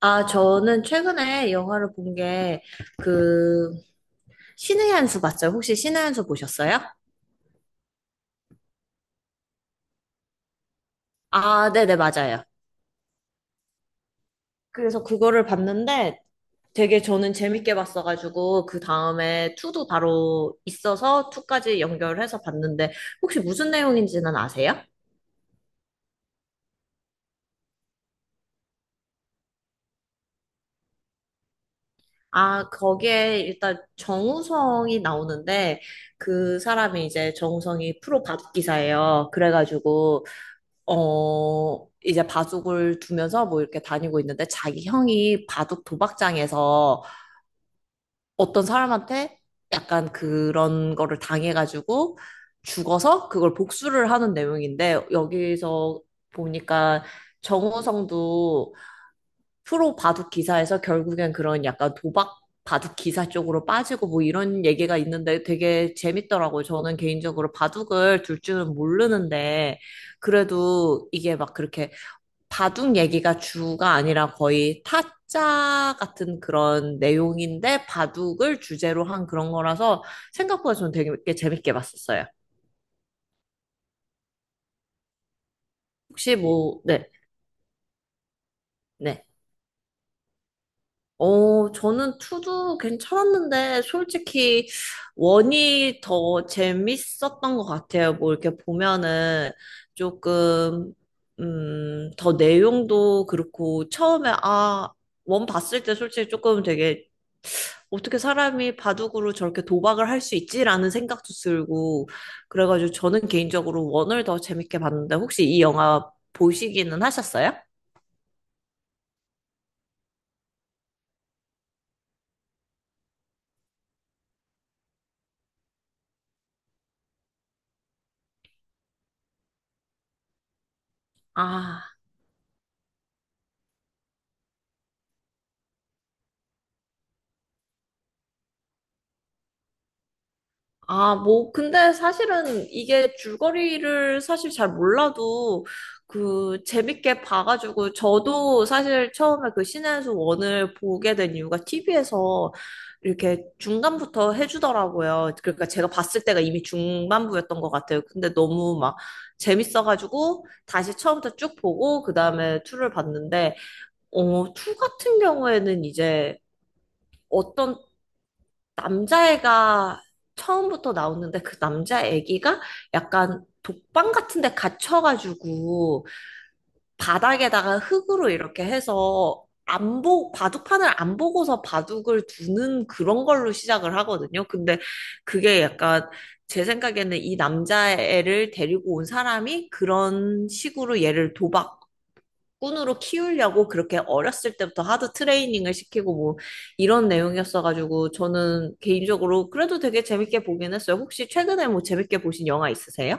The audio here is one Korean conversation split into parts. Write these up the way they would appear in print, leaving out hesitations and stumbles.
아, 저는 최근에 영화를 본 게, 그, 신의 한수 봤어요? 혹시 신의 한수 보셨어요? 아, 네네, 맞아요. 그래서 그거를 봤는데 되게 저는 재밌게 봤어가지고, 그 다음에 투도 바로 있어서 투까지 연결해서 봤는데, 혹시 무슨 내용인지는 아세요? 아, 거기에 일단 정우성이 나오는데, 그 사람이 이제 정우성이 프로 밥기사예요. 그래가지고, 이제 바둑을 두면서 뭐 이렇게 다니고 있는데 자기 형이 바둑 도박장에서 어떤 사람한테 약간 그런 거를 당해가지고 죽어서 그걸 복수를 하는 내용인데 여기서 보니까 정우성도 프로 바둑 기사에서 결국엔 그런 약간 도박 바둑 기사 쪽으로 빠지고 뭐 이런 얘기가 있는데 되게 재밌더라고요. 저는 개인적으로 바둑을 둘 줄은 모르는데 그래도 이게 막 그렇게 바둑 얘기가 주가 아니라 거의 타짜 같은 그런 내용인데 바둑을 주제로 한 그런 거라서 생각보다 저는 되게 재밌게 봤었어요. 혹시 뭐, 네, 네. 저는 투도 괜찮았는데 솔직히 원이 더 재밌었던 것 같아요. 뭐 이렇게 보면은 조금, 더 내용도 그렇고 처음에 아, 원 봤을 때 솔직히 조금 되게 어떻게 사람이 바둑으로 저렇게 도박을 할 수 있지라는 생각도 들고 그래가지고 저는 개인적으로 원을 더 재밌게 봤는데 혹시 이 영화 보시기는 하셨어요? 아. 아, 뭐, 근데 사실은 이게 줄거리를 사실 잘 몰라도 그 재밌게 봐가지고 저도 사실 처음에 그 신의 수 원을 보게 된 이유가 TV에서 이렇게 중간부터 해주더라고요. 그러니까 제가 봤을 때가 이미 중반부였던 것 같아요. 근데 너무 막 재밌어가지고 다시 처음부터 쭉 보고 그 다음에 2를 봤는데, 2 같은 경우에는 이제 어떤 남자애가 처음부터 나오는데 그 남자 애기가 약간 독방 같은 데 갇혀가지고 바닥에다가 흙으로 이렇게 해서 안 보, 바둑판을 안 보고서 바둑을 두는 그런 걸로 시작을 하거든요. 근데 그게 약간 제 생각에는 이 남자애를 데리고 온 사람이 그런 식으로 얘를 도박 꾼으로 키우려고 그렇게 어렸을 때부터 하드 트레이닝을 시키고 뭐 이런 내용이었어가지고 저는 개인적으로 그래도 되게 재밌게 보긴 했어요. 혹시 최근에 뭐 재밌게 보신 영화 있으세요?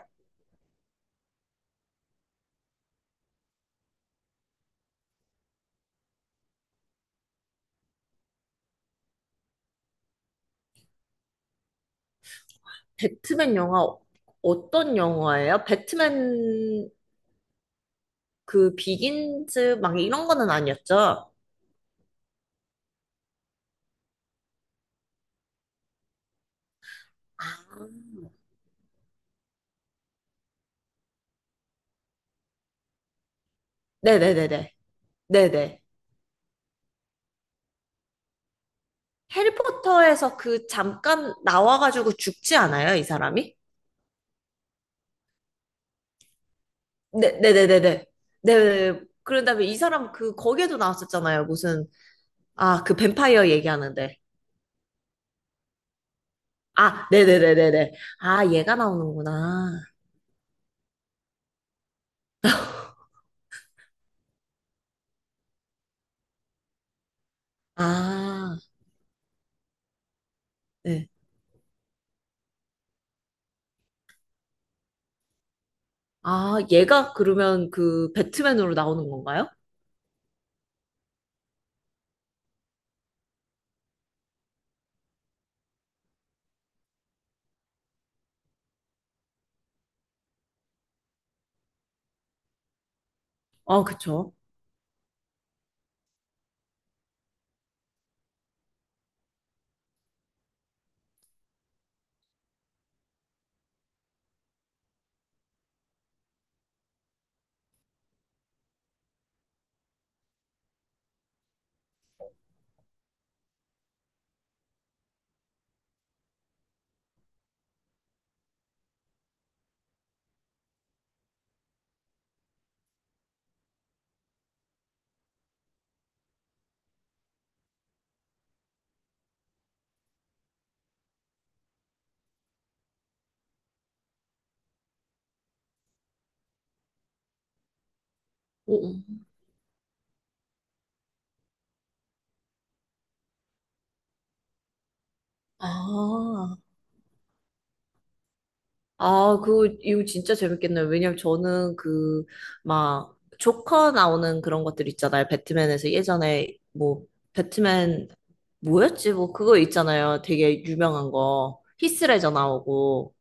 배트맨 영화 어- 어떤 영화예요? 배트맨 그 비긴즈 막 이런 거는 아니었죠? 아. 네네네네. 네네. 해리포터에서 그 잠깐 나와가지고 죽지 않아요, 이 사람이? 네, 네네네네. 네. 네, 네. 그런 다음에 이 사람 그 거기에도 나왔었잖아요. 무슨 아, 그 뱀파이어 얘기하는데. 아, 네네네네네. 아, 얘가 나오는구나. 아, 네. 아, 얘가 그러면 그 배트맨으로 나오는 건가요? 아, 그쵸. 오, 오. 아, 아, 그, 이거 진짜 재밌겠네요. 왜냐면 저는 그, 막, 조커 나오는 그런 것들 있잖아요. 배트맨에서 예전에, 뭐, 배트맨, 뭐였지? 뭐, 그거 있잖아요. 되게 유명한 거. 히스레저 나오고.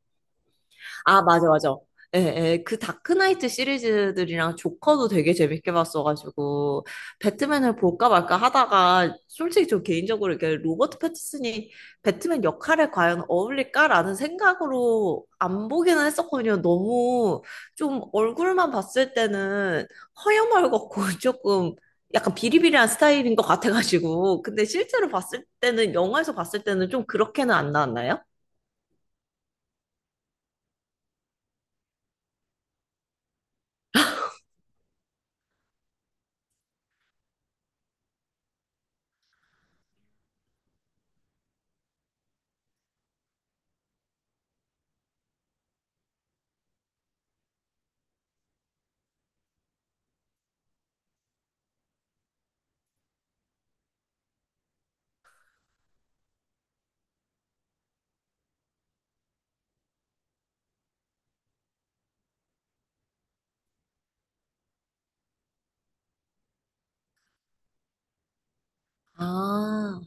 아, 맞아, 맞아. 예, 예, 그 다크나이트 시리즈들이랑 조커도 되게 재밌게 봤어가지고, 배트맨을 볼까 말까 하다가, 솔직히 저 개인적으로 이렇게 로버트 패티슨이 배트맨 역할에 과연 어울릴까라는 생각으로 안 보기는 했었거든요. 너무 좀 얼굴만 봤을 때는 허여멀겋고 조금 약간 비리비리한 스타일인 것 같아가지고, 근데 실제로 봤을 때는, 영화에서 봤을 때는 좀 그렇게는 안 나왔나요? 아,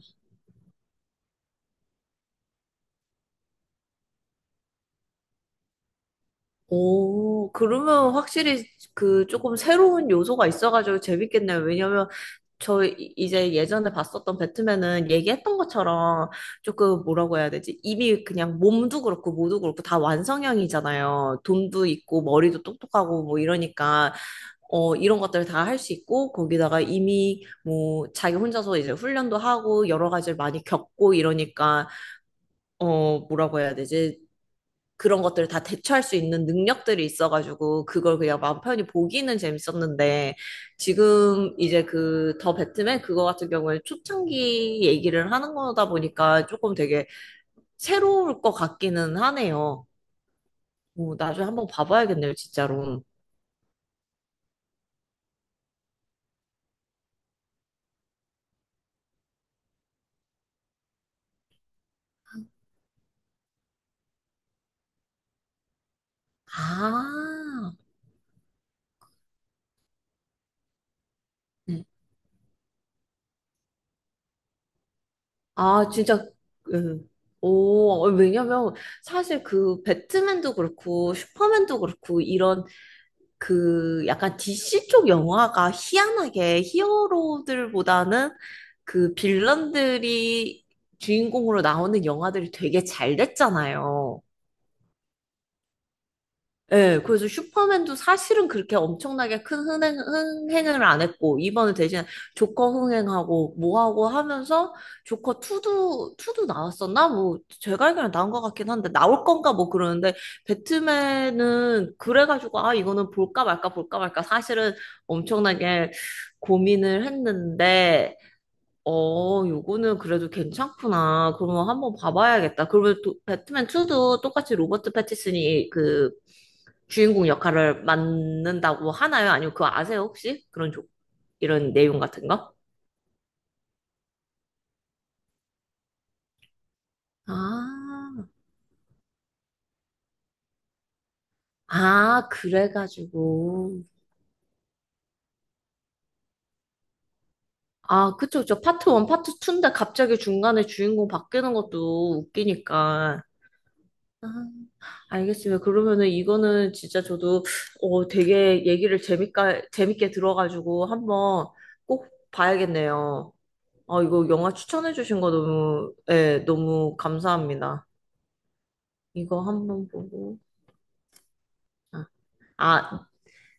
오, 그러면 확실히 그 조금 새로운 요소가 있어가지고 재밌겠네요. 왜냐면 저 이- 이제 예전에 봤었던 배트맨은 얘기했던 것처럼 조금 뭐라고 해야 되지? 이미 그냥 몸도 그렇고 모두 그렇고 다 완성형이잖아요. 돈도 있고 머리도 똑똑하고 뭐 이러니까 이런 것들을 다 할 수 있고 거기다가 이미 뭐 자기 혼자서 이제 훈련도 하고 여러 가지를 많이 겪고 이러니까 뭐라고 해야 되지? 그런 것들을 다 대처할 수 있는 능력들이 있어가지고 그걸 그냥 마음 편히 보기는 재밌었는데 지금 이제 그 더 배트맨 그거 같은 경우에 초창기 얘기를 하는 거다 보니까 조금 되게 새로울 것 같기는 하네요. 오, 나중에 한번 봐봐야겠네요, 진짜로. 아, 네. 아, 진짜, 음. 오, 왜냐면 사실 그 배트맨도 그렇고 슈퍼맨도 그렇고 이런 그 약간 DC 쪽 영화가 희한하게 히어로들보다는 그 빌런들이 주인공으로 나오는 영화들이 되게 잘 됐잖아요. 예, 그래서 슈퍼맨도 사실은 그렇게 엄청나게 큰 흥행, 흥행을 안 했고, 이번에 대신 조커 흥행하고, 뭐하고 하면서, 조커 2도, 투도 나왔었나? 뭐, 제가 알기로는 나온 것 같긴 한데, 나올 건가 뭐 그러는데, 배트맨은 그래가지고, 아, 이거는 볼까 말까, 볼까 말까, 사실은 엄청나게 고민을 했는데, 요거는 그래도 괜찮구나. 그러면 한번 봐봐야겠다. 그러면 또 배트맨 2도 똑같이 로버트 패티슨이 그 주인공 역할을 맡는다고 하나요? 아니면 그거 아세요, 혹시? 그런 조, 이런 내용 같은 거? 아, 아, 그래가지고. 아, 그쵸, 그쵸. 파트 1, 파트 2인데 갑자기 중간에 주인공 바뀌는 것도 웃기니까. 아. 알겠습니다. 그러면은 이거는 진짜 저도 되게 얘기를 재밌게, 재밌게 들어가지고 한번 꼭 봐야겠네요. 아, 이거 영화 추천해주신 거 너무, 예, 너무 감사합니다. 이거 한번 보고. 아, 아,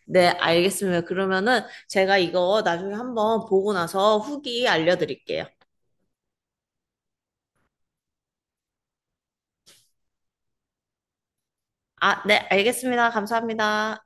네, 알겠습니다. 그러면은 제가 이거 나중에 한번 보고 나서 후기 알려드릴게요. 아, 네, 알겠습니다. 감사합니다.